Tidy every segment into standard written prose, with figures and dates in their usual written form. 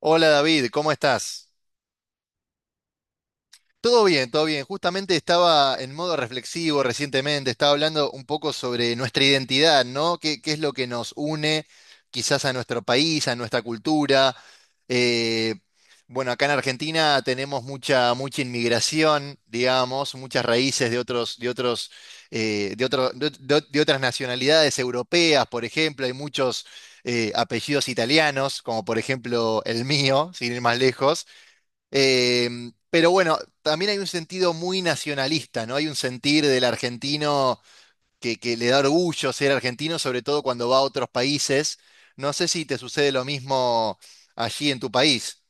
Hola David, ¿cómo estás? Todo bien, todo bien. Justamente estaba en modo reflexivo recientemente, estaba hablando un poco sobre nuestra identidad, ¿no? ¿Qué es lo que nos une quizás a nuestro país, a nuestra cultura? Eh, bueno, acá en Argentina tenemos mucha inmigración, digamos, muchas raíces de otros, de otros, de otro- de otras nacionalidades europeas, por ejemplo, hay muchos apellidos italianos, como por ejemplo el mío, sin ir más lejos. Eh, pero bueno, también hay un sentido muy nacionalista, ¿no? Hay un sentir del argentino que le da orgullo ser argentino, sobre todo cuando va a otros países. No sé si te sucede lo mismo allí en tu país.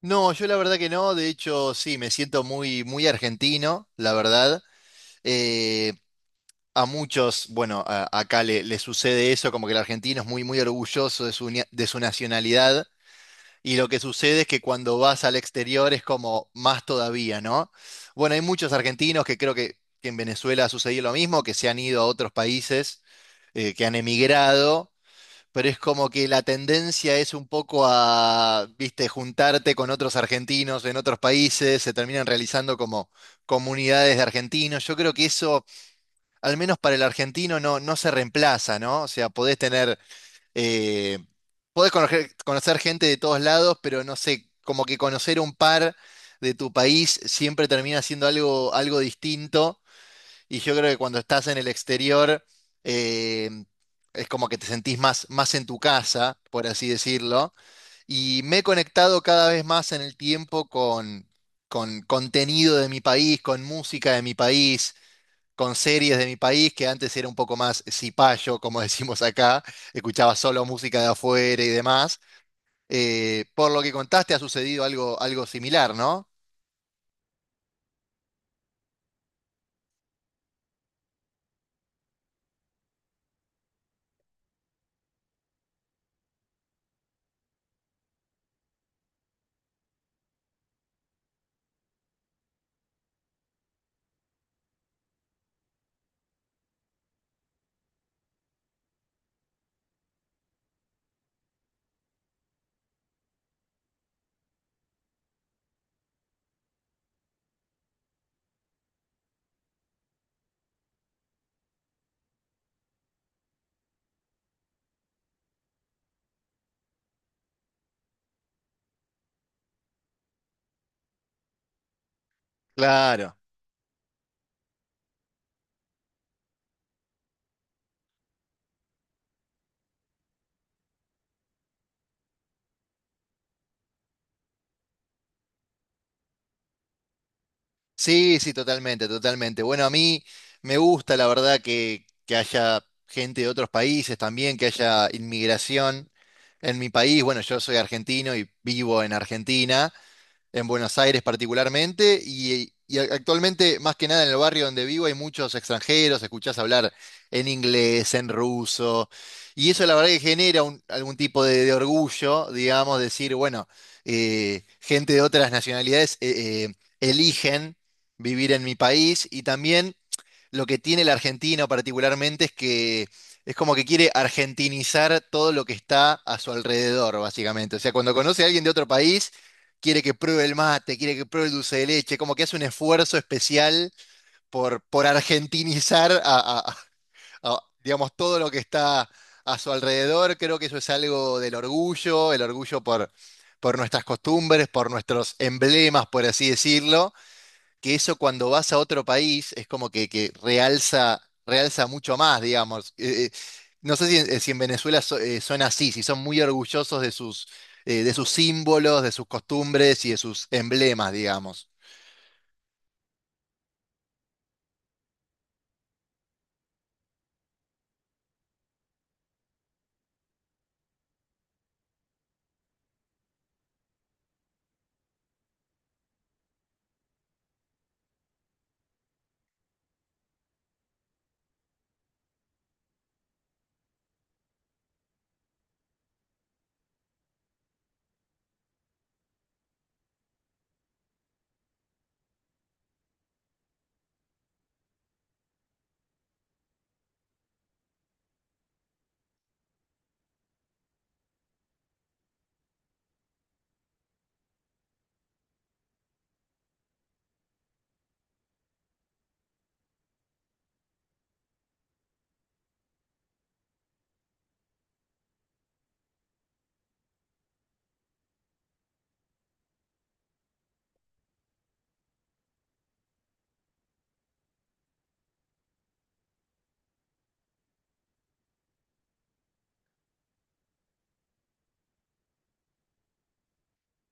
No, yo la verdad que no. De hecho, sí, me siento muy argentino, la verdad. Eh, a muchos, bueno, acá le sucede eso, como que el argentino es muy orgulloso de su nacionalidad. Y lo que sucede es que cuando vas al exterior es como más todavía, ¿no? Bueno, hay muchos argentinos que creo que en Venezuela ha sucedido lo mismo, que se han ido a otros países, que han emigrado, pero es como que la tendencia es un poco a, viste, juntarte con otros argentinos en otros países, se terminan realizando como comunidades de argentinos. Yo creo que eso, al menos para el argentino, no se reemplaza, ¿no? O sea, podés tener eh, podés conocer gente de todos lados, pero no sé, como que conocer un par de tu país siempre termina siendo algo distinto. Y yo creo que cuando estás en el exterior, eh, es como que te sentís más en tu casa, por así decirlo. Y me he conectado cada vez más en el tiempo con contenido de mi país, con música de mi país con series de mi país, que antes era un poco más cipayo, como decimos acá, escuchaba solo música de afuera y demás. Por lo que contaste, ha sucedido algo similar, ¿no? Claro. Sí, sí, totalmente, totalmente. Bueno, a mí me gusta, la verdad, que haya gente de otros países también, que haya inmigración en mi país. Bueno, yo soy argentino y vivo en Argentina. En Buenos Aires particularmente, y actualmente más que nada en el barrio donde vivo hay muchos extranjeros, escuchás hablar en inglés, en ruso, y eso la verdad que genera algún tipo de orgullo, digamos, decir, bueno, gente de otras nacionalidades eligen vivir en mi país y también lo que tiene el argentino particularmente es que es como que quiere argentinizar todo lo que está a su alrededor, básicamente. O sea, cuando conoce a alguien de otro país, quiere que pruebe el mate, quiere que pruebe el dulce de leche, como que hace un esfuerzo especial por argentinizar digamos, todo lo que está a su alrededor. Creo que eso es algo del orgullo, el orgullo por nuestras costumbres, por nuestros emblemas, por así decirlo que eso cuando vas a otro país es como que, que realza mucho más, digamos. No sé si, en si en Venezuela son así, si son muy orgullosos de sus símbolos, de sus costumbres y de sus emblemas, digamos.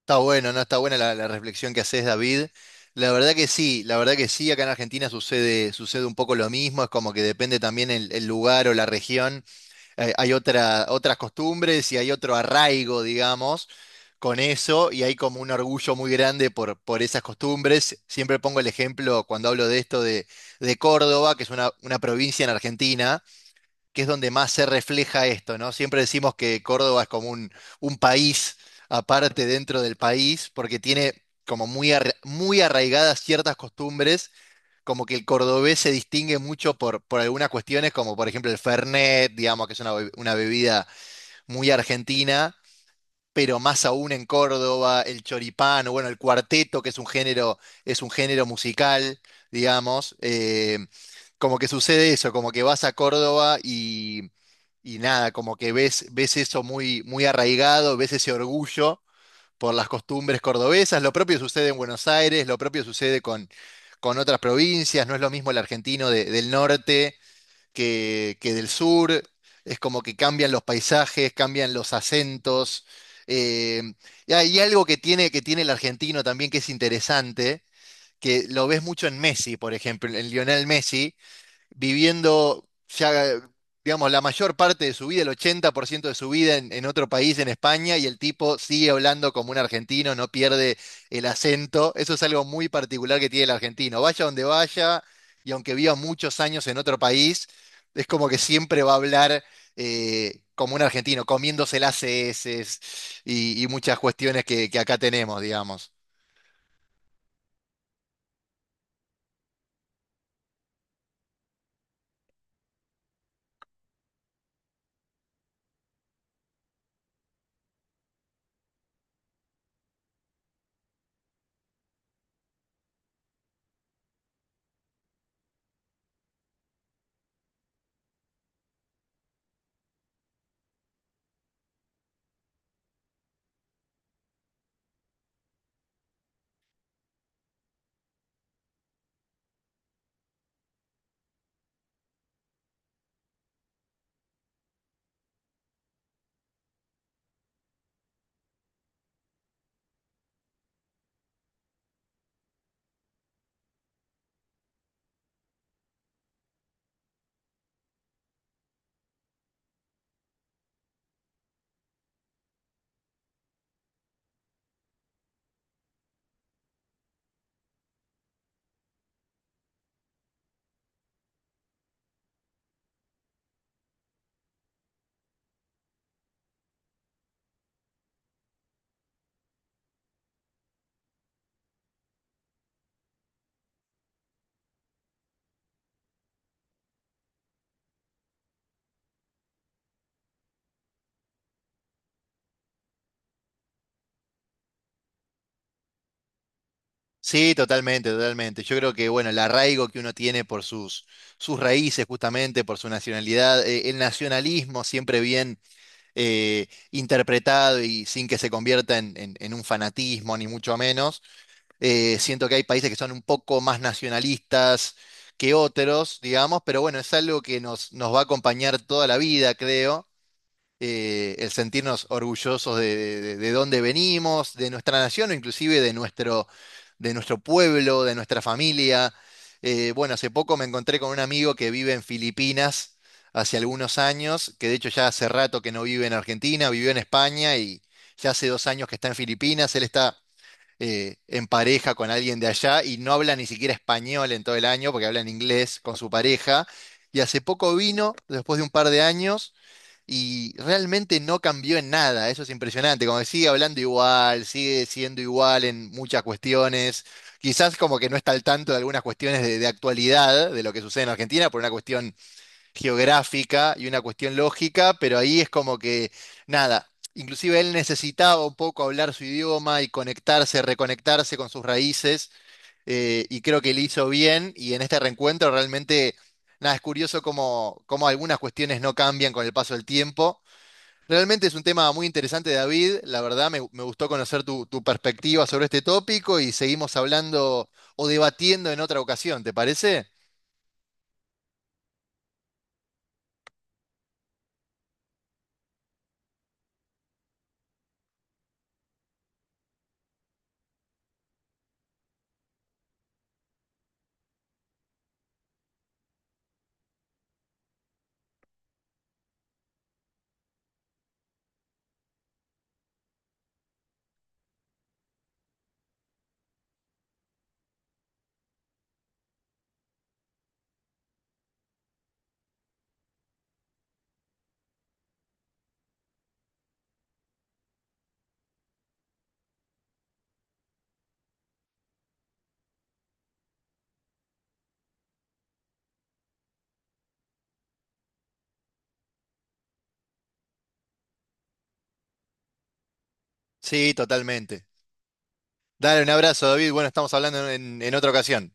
Está bueno, ¿no? Está buena la reflexión que haces, David. La verdad que sí, la verdad que sí, acá en Argentina sucede un poco lo mismo, es como que depende también el lugar o la región. Hay otras costumbres y hay otro arraigo, digamos, con eso, y hay como un orgullo muy grande por esas costumbres. Siempre pongo el ejemplo cuando hablo de esto de Córdoba, que es una provincia en Argentina, que es donde más se refleja esto, ¿no? Siempre decimos que Córdoba es como un país aparte dentro del país, porque tiene como muy arraigadas ciertas costumbres como que el cordobés se distingue mucho por algunas cuestiones, como por ejemplo el Fernet, digamos que es una bebida muy argentina, pero más aún en Córdoba, el choripán, o bueno, el cuarteto, que es un género musical, digamos. Como que sucede eso, como que vas a Córdoba y nada, como que ves eso muy arraigado, ves ese orgullo por las costumbres cordobesas. Lo propio sucede en Buenos Aires, lo propio sucede con otras provincias. No es lo mismo el argentino del norte que del sur. Es como que cambian los paisajes, cambian los acentos. Eh, y hay algo que tiene el argentino también que es interesante, que lo ves mucho en Messi, por ejemplo, en Lionel Messi viviendo ya, digamos, la mayor parte de su vida, el 80% de su vida en otro país, en España, y el tipo sigue hablando como un argentino, no pierde el acento. Eso es algo muy particular que tiene el argentino. Vaya donde vaya, y aunque viva muchos años en otro país, es como que siempre va a hablar como un argentino, comiéndose las heces y muchas cuestiones que acá tenemos, digamos. Sí, totalmente, totalmente. Yo creo que, bueno, el arraigo que uno tiene por sus, sus raíces, justamente, por su nacionalidad, el nacionalismo siempre bien interpretado y sin que se convierta en un fanatismo, ni mucho menos. Siento que hay países que son un poco más nacionalistas que otros, digamos, pero bueno, es algo que nos va a acompañar toda la vida, creo el sentirnos orgullosos de dónde venimos, de nuestra nación o inclusive de nuestro pueblo, de nuestra familia. Bueno, hace poco me encontré con un amigo que vive en Filipinas hace algunos años, que de hecho ya hace rato que no vive en Argentina, vivió en España y ya hace 2 años que está en Filipinas. Él está en pareja con alguien de allá y no habla ni siquiera español en todo el año porque habla en inglés con su pareja. Y hace poco vino, después de un par de años, y realmente no cambió en nada, eso es impresionante, como que sigue hablando igual, sigue siendo igual en muchas cuestiones, quizás como que no está al tanto de algunas cuestiones de actualidad, de lo que sucede en Argentina, por una cuestión geográfica y una cuestión lógica, pero ahí es como que nada, inclusive él necesitaba un poco hablar su idioma y conectarse, reconectarse con sus raíces, y creo que le hizo bien, y en este reencuentro realmente... Nada, es curioso como algunas cuestiones no cambian con el paso del tiempo. Realmente es un tema muy interesante, David. La verdad, me gustó conocer tu, tu perspectiva sobre este tópico y seguimos hablando o debatiendo en otra ocasión, ¿te parece? Sí, totalmente. Dale un abrazo, David. Bueno, estamos hablando en otra ocasión.